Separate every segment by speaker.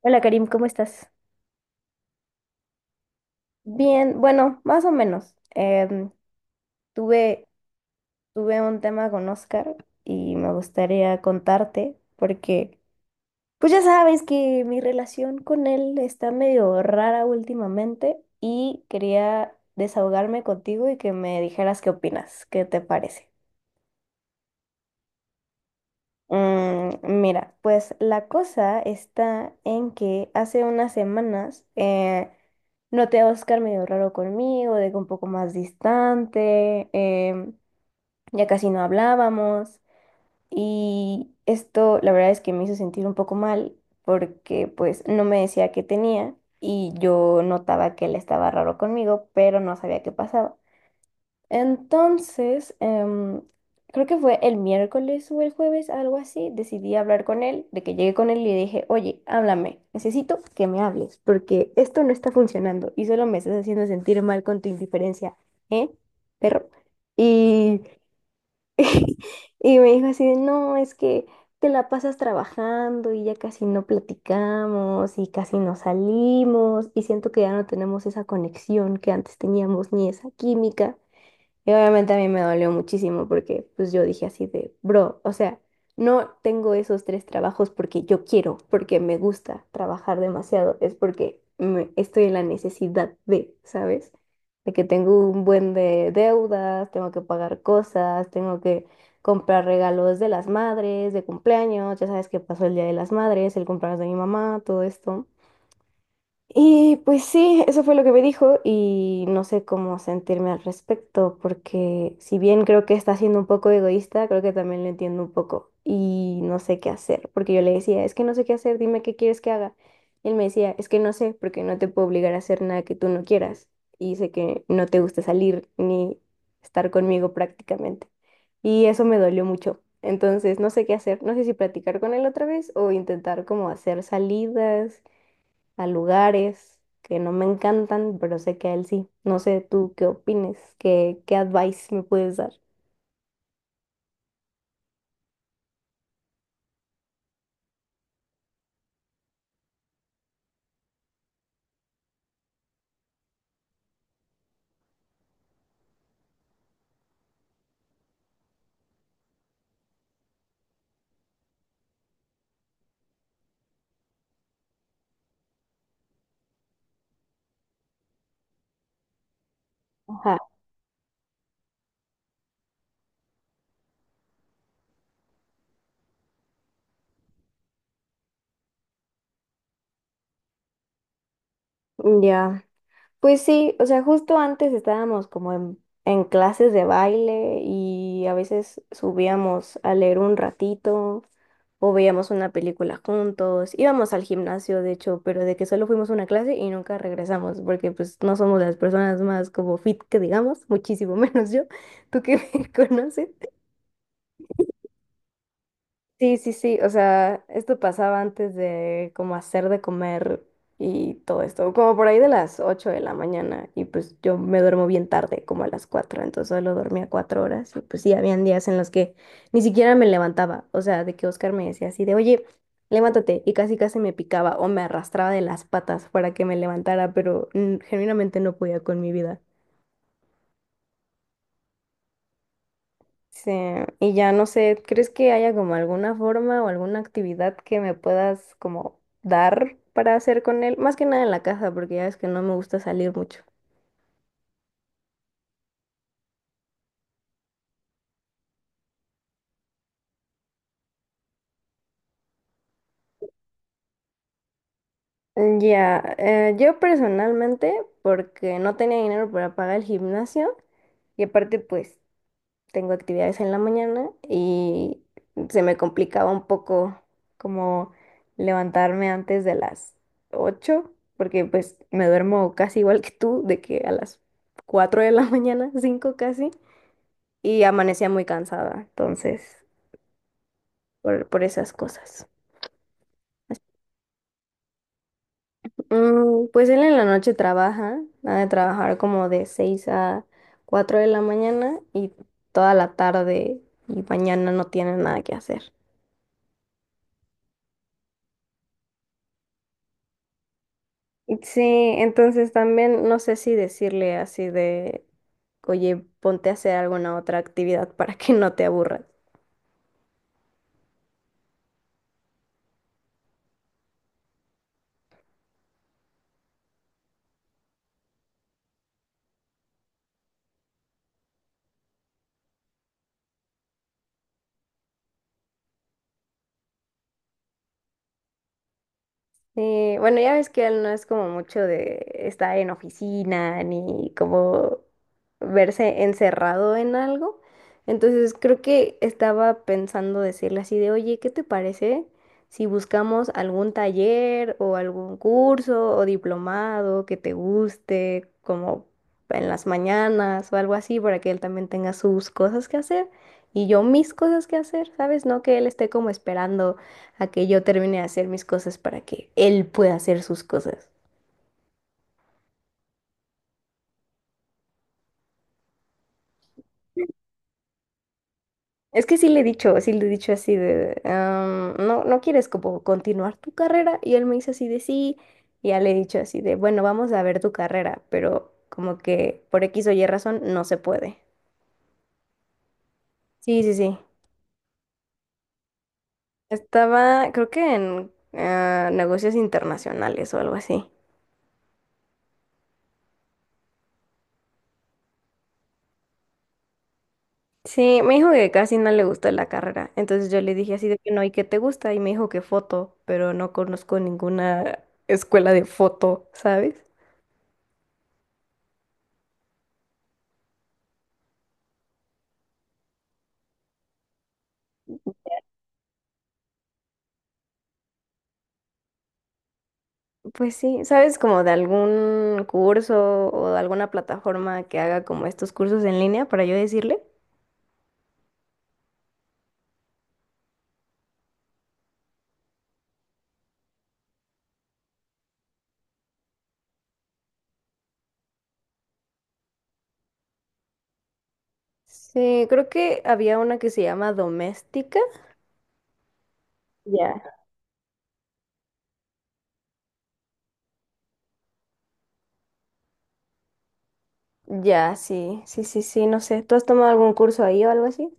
Speaker 1: Hola Karim, ¿cómo estás? Bien, bueno, más o menos. Tuve, tuve un tema con Oscar y me gustaría contarte porque pues ya sabes que mi relación con él está medio rara últimamente y quería desahogarme contigo y que me dijeras qué opinas, qué te parece. Mm, mira, pues la cosa está en que hace unas semanas noté a Oscar medio raro conmigo, de que un poco más distante, ya casi no hablábamos y esto la verdad es que me hizo sentir un poco mal porque pues no me decía qué tenía y yo notaba que él estaba raro conmigo, pero no sabía qué pasaba. Entonces, creo que fue el miércoles o el jueves, algo así, decidí hablar con él, de que llegué con él y le dije, oye, háblame, necesito que me hables, porque esto no está funcionando y solo me estás haciendo sentir mal con tu indiferencia, ¿eh, perro? Y, y me dijo así de, no, es que te la pasas trabajando y ya casi no platicamos y casi no salimos y siento que ya no tenemos esa conexión que antes teníamos ni esa química. Y obviamente a mí me dolió muchísimo porque pues yo dije así de, bro, o sea, no tengo esos tres trabajos porque yo quiero, porque me gusta trabajar demasiado, es porque estoy en la necesidad de, ¿sabes? De que tengo un buen de deudas, tengo que pagar cosas, tengo que comprar regalos de las madres, de cumpleaños, ya sabes que pasó el Día de las Madres, el cumpleaños de mi mamá, todo esto. Y pues sí, eso fue lo que me dijo y no sé cómo sentirme al respecto, porque si bien creo que está siendo un poco egoísta, creo que también lo entiendo un poco y no sé qué hacer, porque yo le decía, es que no sé qué hacer, dime qué quieres que haga. Y él me decía, es que no sé, porque no te puedo obligar a hacer nada que tú no quieras y sé que no te gusta salir ni estar conmigo prácticamente. Y eso me dolió mucho. Entonces, no sé qué hacer, no sé si platicar con él otra vez o intentar como hacer salidas a lugares que no me encantan, pero sé que a él sí. No sé tú qué opines, qué advice me puedes dar. Ajá, ya. Pues sí, o sea, justo antes estábamos como en clases de baile y a veces subíamos a leer un ratito o veíamos una película juntos, íbamos al gimnasio, de hecho, pero de que solo fuimos a una clase y nunca regresamos, porque pues no somos las personas más como fit que digamos, muchísimo menos yo, tú que me conoces. Sí, sí, sí, o sea, esto pasaba antes de como hacer de comer y todo esto, como por ahí de las 8 de la mañana y pues yo me duermo bien tarde, como a las 4, entonces solo dormía 4 horas y pues sí, habían días en los que ni siquiera me levantaba, o sea, de que Oscar me decía así de, oye, levántate y casi casi me picaba o me arrastraba de las patas para que me levantara, pero mm, genuinamente no podía con mi vida. Sí, y ya no sé, ¿crees que haya como alguna forma o alguna actividad que me puedas como dar para hacer con él? Más que nada en la casa, porque ya es que no me gusta salir mucho. Mm, ya, yo personalmente, porque no tenía dinero para pagar el gimnasio y aparte pues tengo actividades en la mañana y se me complicaba un poco como levantarme antes de las 8, porque pues me duermo casi igual que tú, de que a las 4 de la mañana, 5 casi, y amanecía muy cansada, entonces, por esas cosas. Mm, pues él en la noche trabaja, ha de trabajar como de 6 a 4 de la mañana y toda la tarde y mañana no tiene nada que hacer. Sí, entonces también no sé si decirle así de, oye, ponte a hacer alguna otra actividad para que no te aburras. Sí, bueno, ya ves que él no es como mucho de estar en oficina ni como verse encerrado en algo. Entonces creo que estaba pensando decirle así de, oye, ¿qué te parece si buscamos algún taller o algún curso o diplomado que te guste, como en las mañanas o algo así, para que él también tenga sus cosas que hacer y yo mis cosas que hacer, ¿sabes? No que él esté como esperando a que yo termine de hacer mis cosas para que él pueda hacer sus cosas. Es que sí le he dicho, sí le he dicho así de, "Ah, no, no quieres como continuar tu carrera". Y él me dice así de sí, y ya le he dicho así de, bueno, vamos a ver tu carrera, pero como que por X o Y razón no se puede. Sí, sí, sí. Estaba, creo que en ah, negocios internacionales o algo así. Sí, me dijo que casi no le gustó la carrera. Entonces yo le dije así de que no, ¿y qué te gusta? Y me dijo que foto, pero no conozco ninguna escuela de foto, ¿sabes? Pues sí, ¿sabes como de algún curso o de alguna plataforma que haga como estos cursos en línea para yo decirle? Sí, creo que había una que se llama Doméstica. Ya. Ya, sí, sí, sí, sí, no sé. ¿Tú has tomado algún curso ahí o algo así?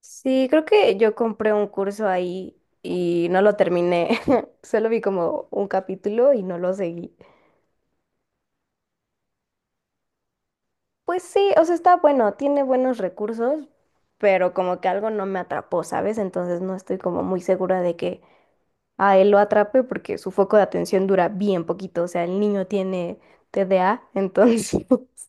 Speaker 1: Sí, creo que yo compré un curso ahí y no lo terminé. Solo vi como un capítulo y no lo seguí. Pues sí, o sea, está bueno, tiene buenos recursos, pero como que algo no me atrapó, ¿sabes? Entonces no estoy como muy segura de que a él lo atrape porque su foco de atención dura bien poquito. O sea, el niño tiene TDA, entonces...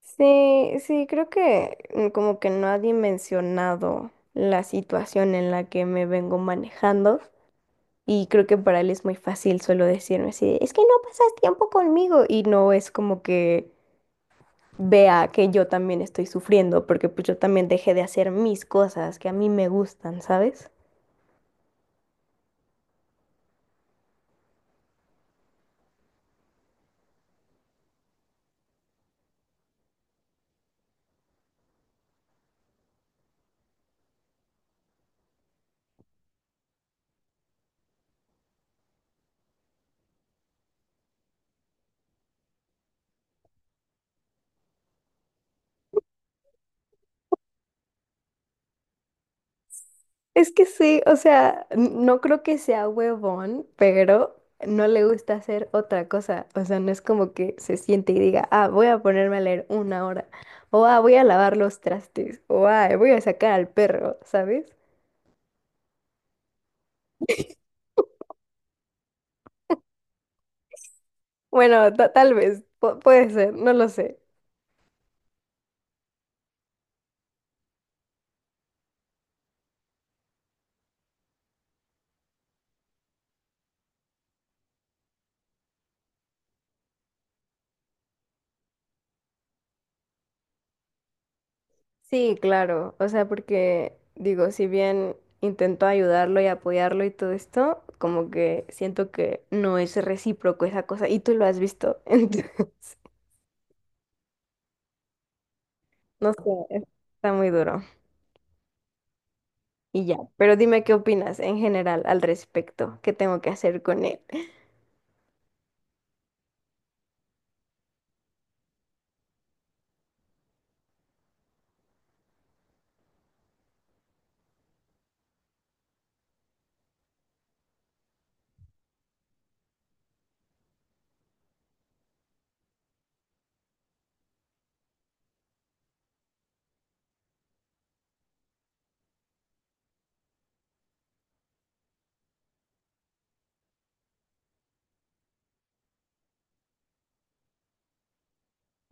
Speaker 1: Sí, sí, creo que mm, como que no ha dimensionado la situación en la que me vengo manejando. Y creo que para él es muy fácil solo decirme así, de, es que no pasas tiempo conmigo y no es como que vea que yo también estoy sufriendo porque pues yo también dejé de hacer mis cosas que a mí me gustan, ¿sabes? Es que sí, o sea, no creo que sea huevón, pero no le gusta hacer otra cosa. O sea, no es como que se siente y diga, ah, voy a ponerme a leer una hora, o ah, voy a lavar los trastes, o ah, voy a sacar al perro, ¿sabes? Bueno, tal vez, puede ser, no lo sé. Sí, claro. O sea, porque digo, si bien intento ayudarlo y apoyarlo y todo esto, como que siento que no es recíproco esa cosa. Y tú lo has visto. Entonces, no sé, está muy duro. Y ya. Pero dime qué opinas en general al respecto. ¿Qué tengo que hacer con él?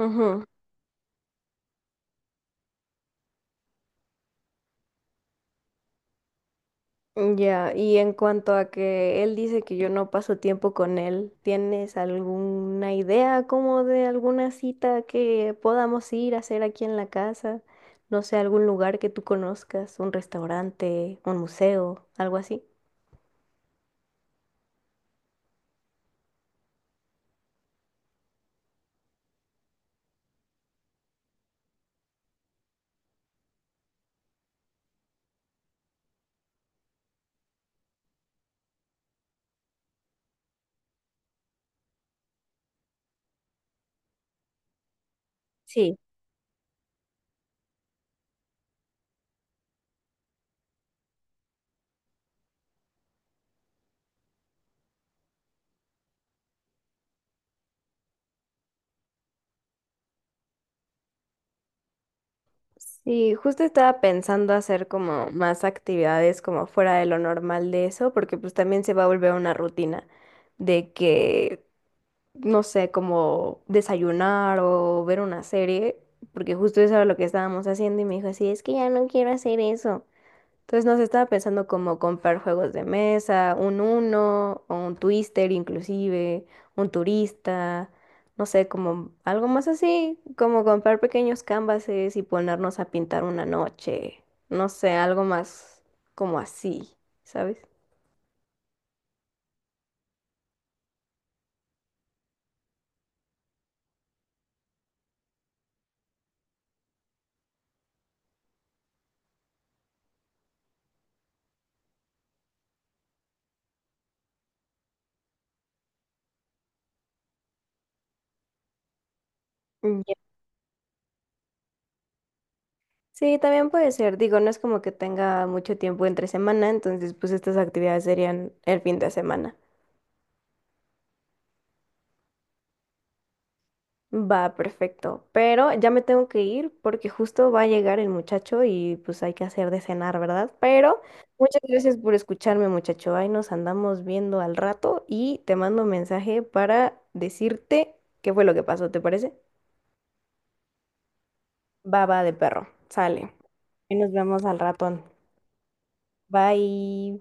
Speaker 1: Ujú. Ya, y en cuanto a que él dice que yo no paso tiempo con él, ¿tienes alguna idea como de alguna cita que podamos ir a hacer aquí en la casa? No sé, algún lugar que tú conozcas, un restaurante, un museo, algo así. Sí. Sí, justo estaba pensando hacer como más actividades como fuera de lo normal de eso, porque pues también se va a volver una rutina de que no sé, como desayunar o ver una serie, porque justo eso era lo que estábamos haciendo y me dijo así, es que ya no quiero hacer eso. Entonces nos estaba pensando como comprar juegos de mesa, un Uno o un Twister inclusive, un turista, no sé, como algo más así, como comprar pequeños canvases y ponernos a pintar una noche, no sé, algo más como así, ¿sabes? Ya. Sí, también puede ser. Digo, no es como que tenga mucho tiempo entre semana, entonces pues estas actividades serían el fin de semana. Va, perfecto. Pero ya me tengo que ir porque justo va a llegar el muchacho y pues hay que hacer de cenar, ¿verdad? Pero muchas gracias por escucharme, muchacho. Ahí nos andamos viendo al rato y te mando un mensaje para decirte qué fue lo que pasó, ¿te parece? Baba de perro. Sale. Y nos vemos al ratón. Bye.